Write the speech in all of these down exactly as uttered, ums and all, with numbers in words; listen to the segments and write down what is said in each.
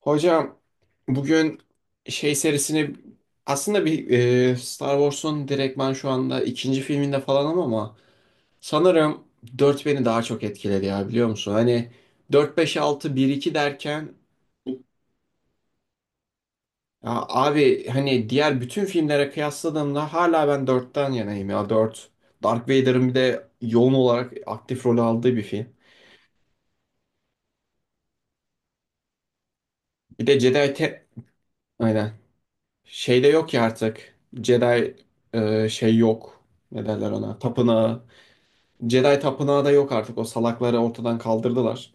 Hocam bugün şey serisini aslında bir e, Star Wars'un direktman şu anda ikinci filminde falanım ama sanırım dört beni daha çok etkiledi ya biliyor musun? Hani dört beş altı bir iki derken ya abi hani diğer bütün filmlere kıyasladığımda hala ben dörtten yanayım ya dört Darth Vader'ın bir de yoğun olarak aktif rol aldığı bir film. Bir de Jedi te aynen şeyde yok ya artık Jedi e, şey yok ne derler ona tapınağı. Jedi Tapınağı da yok artık. O salakları ortadan kaldırdılar.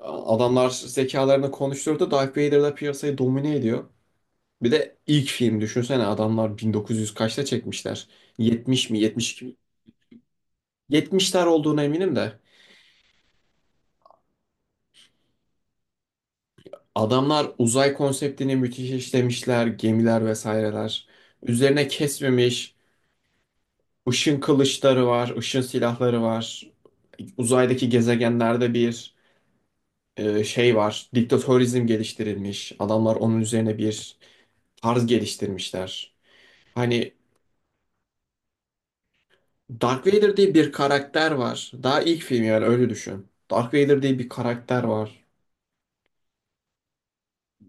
Adamlar zekalarını konuşturdu. Darth Vader da piyasayı domine ediyor. Bir de ilk film düşünsene adamlar bin dokuz yüz kaçta çekmişler? yetmiş mi yetmiş iki mi? yetmişler olduğuna eminim de. Adamlar uzay konseptini müthiş işlemişler. Gemiler vesaireler. Üzerine kesmemiş. Işın kılıçları var. Işın silahları var. Uzaydaki gezegenlerde bir e, şey var. Diktatörizm geliştirilmiş. Adamlar onun üzerine bir tarz geliştirmişler. Hani Darth Vader diye bir karakter var. Daha ilk film yani öyle düşün. Darth Vader diye bir karakter var.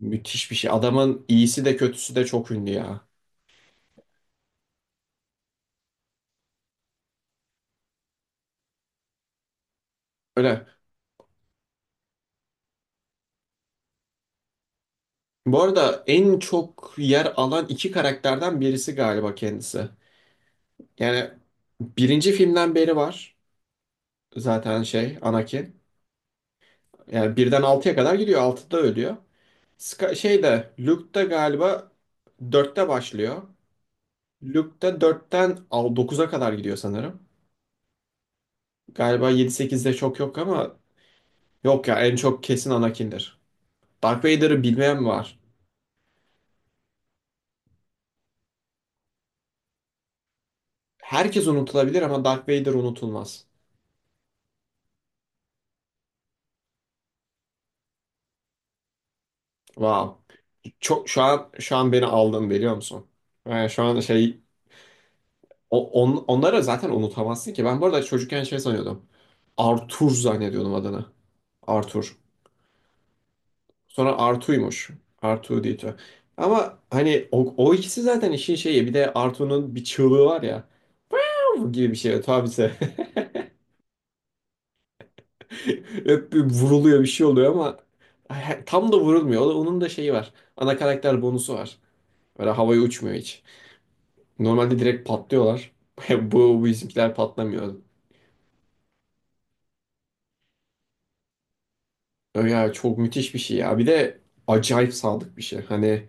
Müthiş bir şey. Adamın iyisi de kötüsü de çok ünlü ya. Öyle. Bu arada en çok yer alan iki karakterden birisi galiba kendisi. Yani birinci filmden beri var zaten şey Anakin. Yani birden altıya kadar gidiyor. Altıda ölüyor. Ska- şey de Luke da galiba dörtte başlıyor. Luke da dörtten dokuza kadar gidiyor sanırım. Galiba yedi sekizde çok yok ama yok ya en çok kesin Anakin'dir. Darth Vader'ı bilmeyen mi var? Herkes unutulabilir ama Darth Vader unutulmaz. Wow. Çok şu an şu an beni aldın biliyor musun? Yani şu an şey o- on, onları zaten unutamazsın ki. Ben bu arada çocukken şey sanıyordum. Arthur zannediyordum adını. Arthur. Sonra Artu'ymuş. Artu diye. Ama hani o, o ikisi zaten işin şeyi. Bir de Artu'nun bir çığlığı var ya. "Av" gibi bir şey. Tabii. Hep bir vuruluyor bir şey oluyor ama he- tam da vurulmuyor. O da- Onun da şeyi var. Ana karakter bonusu var. Böyle havaya uçmuyor hiç. Normalde direkt patlıyorlar. Bu, bu bizimkiler patlamıyor. Ya çok müthiş bir şey ya. Bir de acayip sadık bir şey. Hani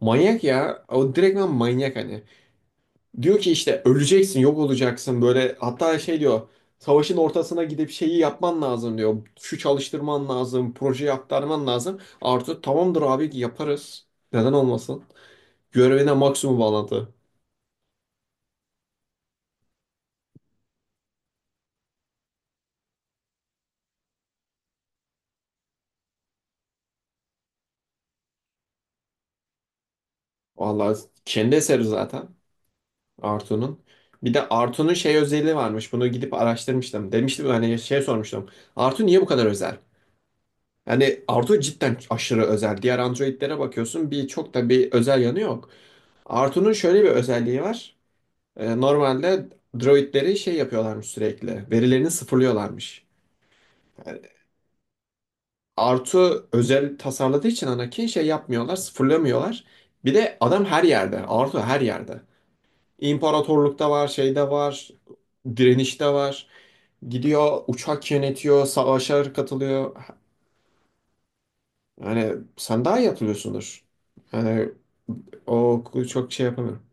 manyak ya. O direktmen manyak hani. Diyor ki işte öleceksin, yok olacaksın böyle. Hatta şey diyor, savaşın ortasına gidip şeyi yapman lazım diyor. Şu çalıştırman lazım, projeyi aktarman lazım. Arthur tamamdır abi yaparız. Neden olmasın? Görevine maksimum bağlantı. Vallahi kendi eseri zaten Artu'nun. Bir de Artu'nun şey özelliği varmış. Bunu gidip araştırmıştım. Demiştim hani şey sormuştum. Artu niye bu kadar özel? Yani Artu cidden aşırı özel. Diğer Android'lere bakıyorsun bir çok da bir özel yanı yok. Artu'nun şöyle bir özelliği var. E, normalde droidleri şey yapıyorlarmış sürekli. Verilerini sıfırlıyorlarmış. Yani Artu özel tasarladığı için Anakin şey yapmıyorlar, sıfırlamıyorlar. Bir de adam her yerde. Artu her yerde. İmparatorlukta var, şeyde var, direnişte var. Gidiyor, uçak yönetiyor, savaşa katılıyor. Yani sen daha iyi hatırlıyorsundur. Yani o çok şey yapamıyorum.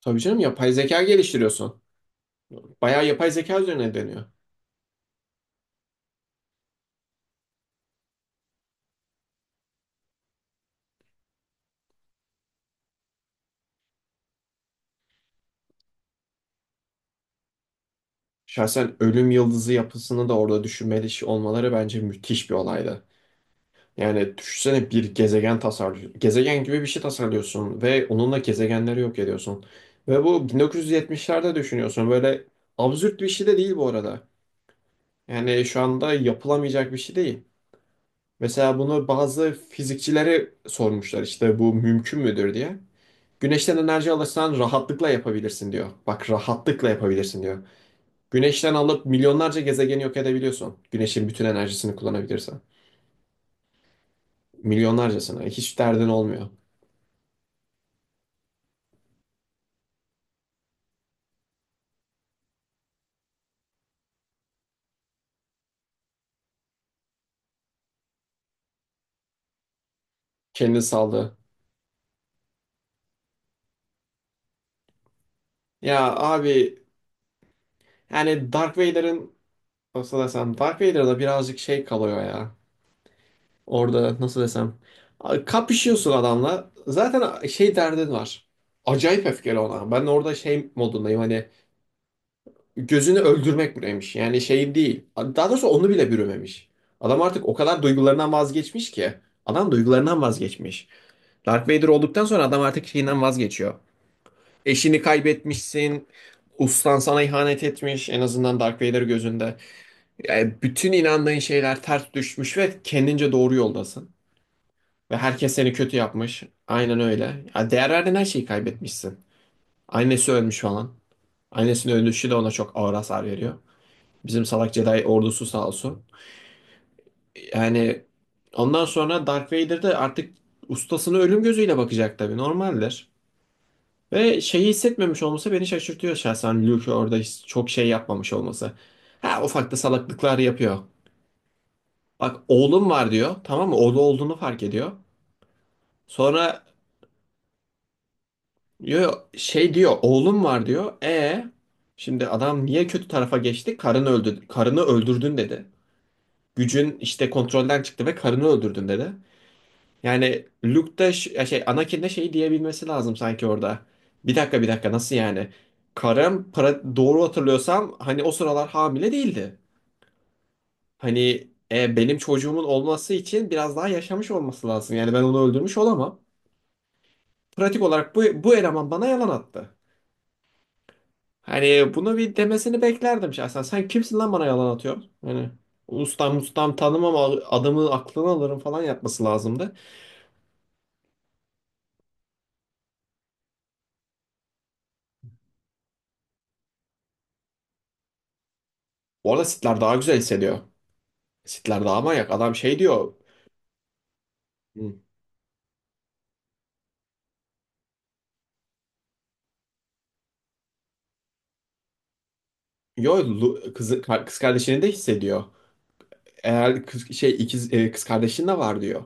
Tabii canım yapay zeka geliştiriyorsun. Bayağı yapay zeka üzerine deniyor. Şahsen ölüm yıldızı yapısını da orada düşünmeli olmaları bence müthiş bir olaydı. Yani düşünsene bir gezegen tasarlıyorsun. Gezegen gibi bir şey tasarlıyorsun ve onunla gezegenleri yok ediyorsun. Ve bu bin dokuz yüz yetmişlerde düşünüyorsun. Böyle absürt bir şey de değil bu arada. Yani şu anda yapılamayacak bir şey değil. Mesela bunu bazı fizikçilere sormuşlar işte bu mümkün müdür diye. Güneşten enerji alırsan rahatlıkla yapabilirsin diyor. Bak rahatlıkla yapabilirsin diyor. Güneşten alıp milyonlarca gezegeni yok edebiliyorsun. Güneşin bütün enerjisini kullanabilirsen. Milyonlarcasını. Hiç derdin olmuyor. Kendini saldı. Ya abi yani Dark Vader'ın nasıl desem Dark Vader'da birazcık şey kalıyor ya. Orada nasıl desem kapışıyorsun adamla. Zaten şey derdin var. Acayip öfkeli ona. Ben orada şey modundayım hani gözünü öldürmek buraymış. Yani şey değil. Daha doğrusu onu bile bürümemiş. Adam artık o kadar duygularından vazgeçmiş ki. Adam duygularından vazgeçmiş. Dark Vader olduktan sonra adam artık şeyinden vazgeçiyor. Eşini kaybetmişsin. Ustan sana ihanet etmiş en azından Dark Vader gözünde. Yani bütün inandığın şeyler ters düşmüş ve kendince doğru yoldasın. Ve herkes seni kötü yapmış. Aynen öyle. Ya değer verdiğin her şeyi kaybetmişsin. Annesi ölmüş falan. Annesinin ölüşü de ona çok ağır hasar veriyor. Bizim salak Jedi ordusu sağ olsun. Yani ondan sonra Darth Vader de artık ustasına ölüm gözüyle bakacak tabii. Normaldir. Ve şeyi hissetmemiş olması beni şaşırtıyor şahsen. Luke orada hiç- çok şey yapmamış olması. Ha ufak da salaklıklar yapıyor. Bak oğlum var diyor. Tamam mı? Oğlu olduğunu fark ediyor. Sonra yo, yo, şey diyor oğlum var diyor. E şimdi adam niye kötü tarafa geçti? Karını öldü, karını öldürdün dedi. Gücün işte kontrolden çıktı ve karını öldürdün dedi. Yani Luke da ş- ya şey Anakin de şey diyebilmesi lazım sanki orada. Bir dakika bir dakika nasıl yani? Karım para doğru hatırlıyorsam hani o sıralar hamile değildi. Hani e, benim çocuğumun olması için biraz daha yaşamış olması lazım. Yani ben onu öldürmüş olamam. Pratik olarak bu, bu eleman bana yalan attı. Hani bunu bir demesini beklerdim şahsen. Sen kimsin lan bana yalan atıyorsun? Hani ustam ustam tanımam al- adamı aklını alırım falan yapması lazımdı. Bu arada sitler daha güzel hissediyor. Sitler daha manyak. Adam şey diyor. "Hı, Yo Lu- kızı, ka- kız kardeşini de hissediyor. Eğer kız, şey ikiz, e, kız kardeşin de var diyor.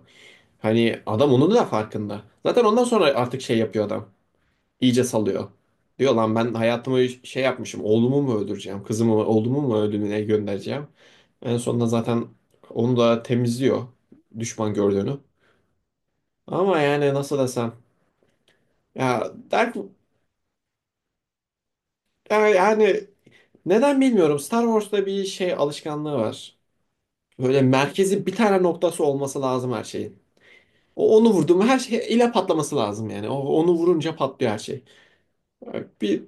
Hani adam onun da farkında. Zaten ondan sonra artık şey yapıyor adam. İyice salıyor. Diyor lan ben hayatımı şey yapmışım. Oğlumu mu öldüreceğim? Kızımı, oğlumu mu ölümüne göndereceğim? En sonunda zaten onu da temizliyor düşman gördüğünü. Ama yani nasıl desem ya Dark ya- yani neden bilmiyorum Star Wars'ta bir şey alışkanlığı var. Böyle merkezi bir tane noktası olması lazım her şeyin. O onu vurdu mu her şey ile patlaması lazım yani. O onu vurunca patlıyor her şey. Bir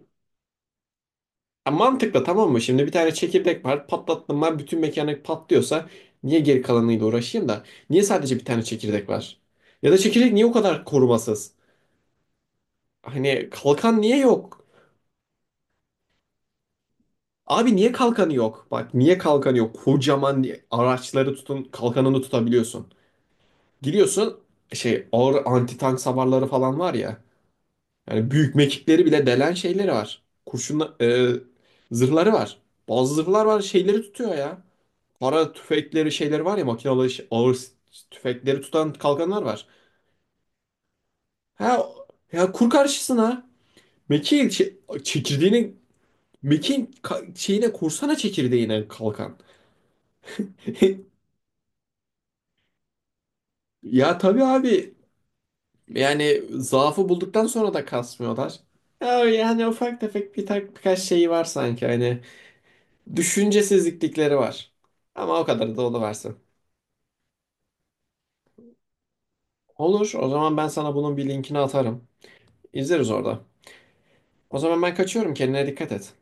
Ya mantıklı tamam mı? Şimdi bir tane çekirdek var. Patlattım ben bütün mekanik patlıyorsa niye geri kalanıyla uğraşayım da? Niye sadece bir tane çekirdek var? Ya da çekirdek niye o kadar korumasız? Hani kalkan niye yok? Abi niye kalkanı yok? Bak niye kalkanı yok? Kocaman araçları tutun kalkanını tutabiliyorsun. Giriyorsun şey ağır anti tank savarları falan var ya. Yani büyük mekikleri bile delen şeyleri var. Kurşunla, e, zırhları var. Bazı zırhlar var şeyleri tutuyor ya. Para tüfekleri şeyleri var ya makinalı ş- ağır s- tüfekleri tutan kalkanlar var. Ha ya kur karşısına mekiğin çe- çekirdeğini mekiğin ka- şeyine kursana çekirdeğine kalkan. Ya tabii abi yani zaafı bulduktan sonra da kasmıyorlar. Ya yani ufak tefek bir tak birkaç şeyi var sanki hani düşüncesizlikleri var. Ama o kadar da o. Olur o zaman ben sana bunun bir linkini atarım. İzleriz orada. O zaman ben kaçıyorum kendine dikkat et.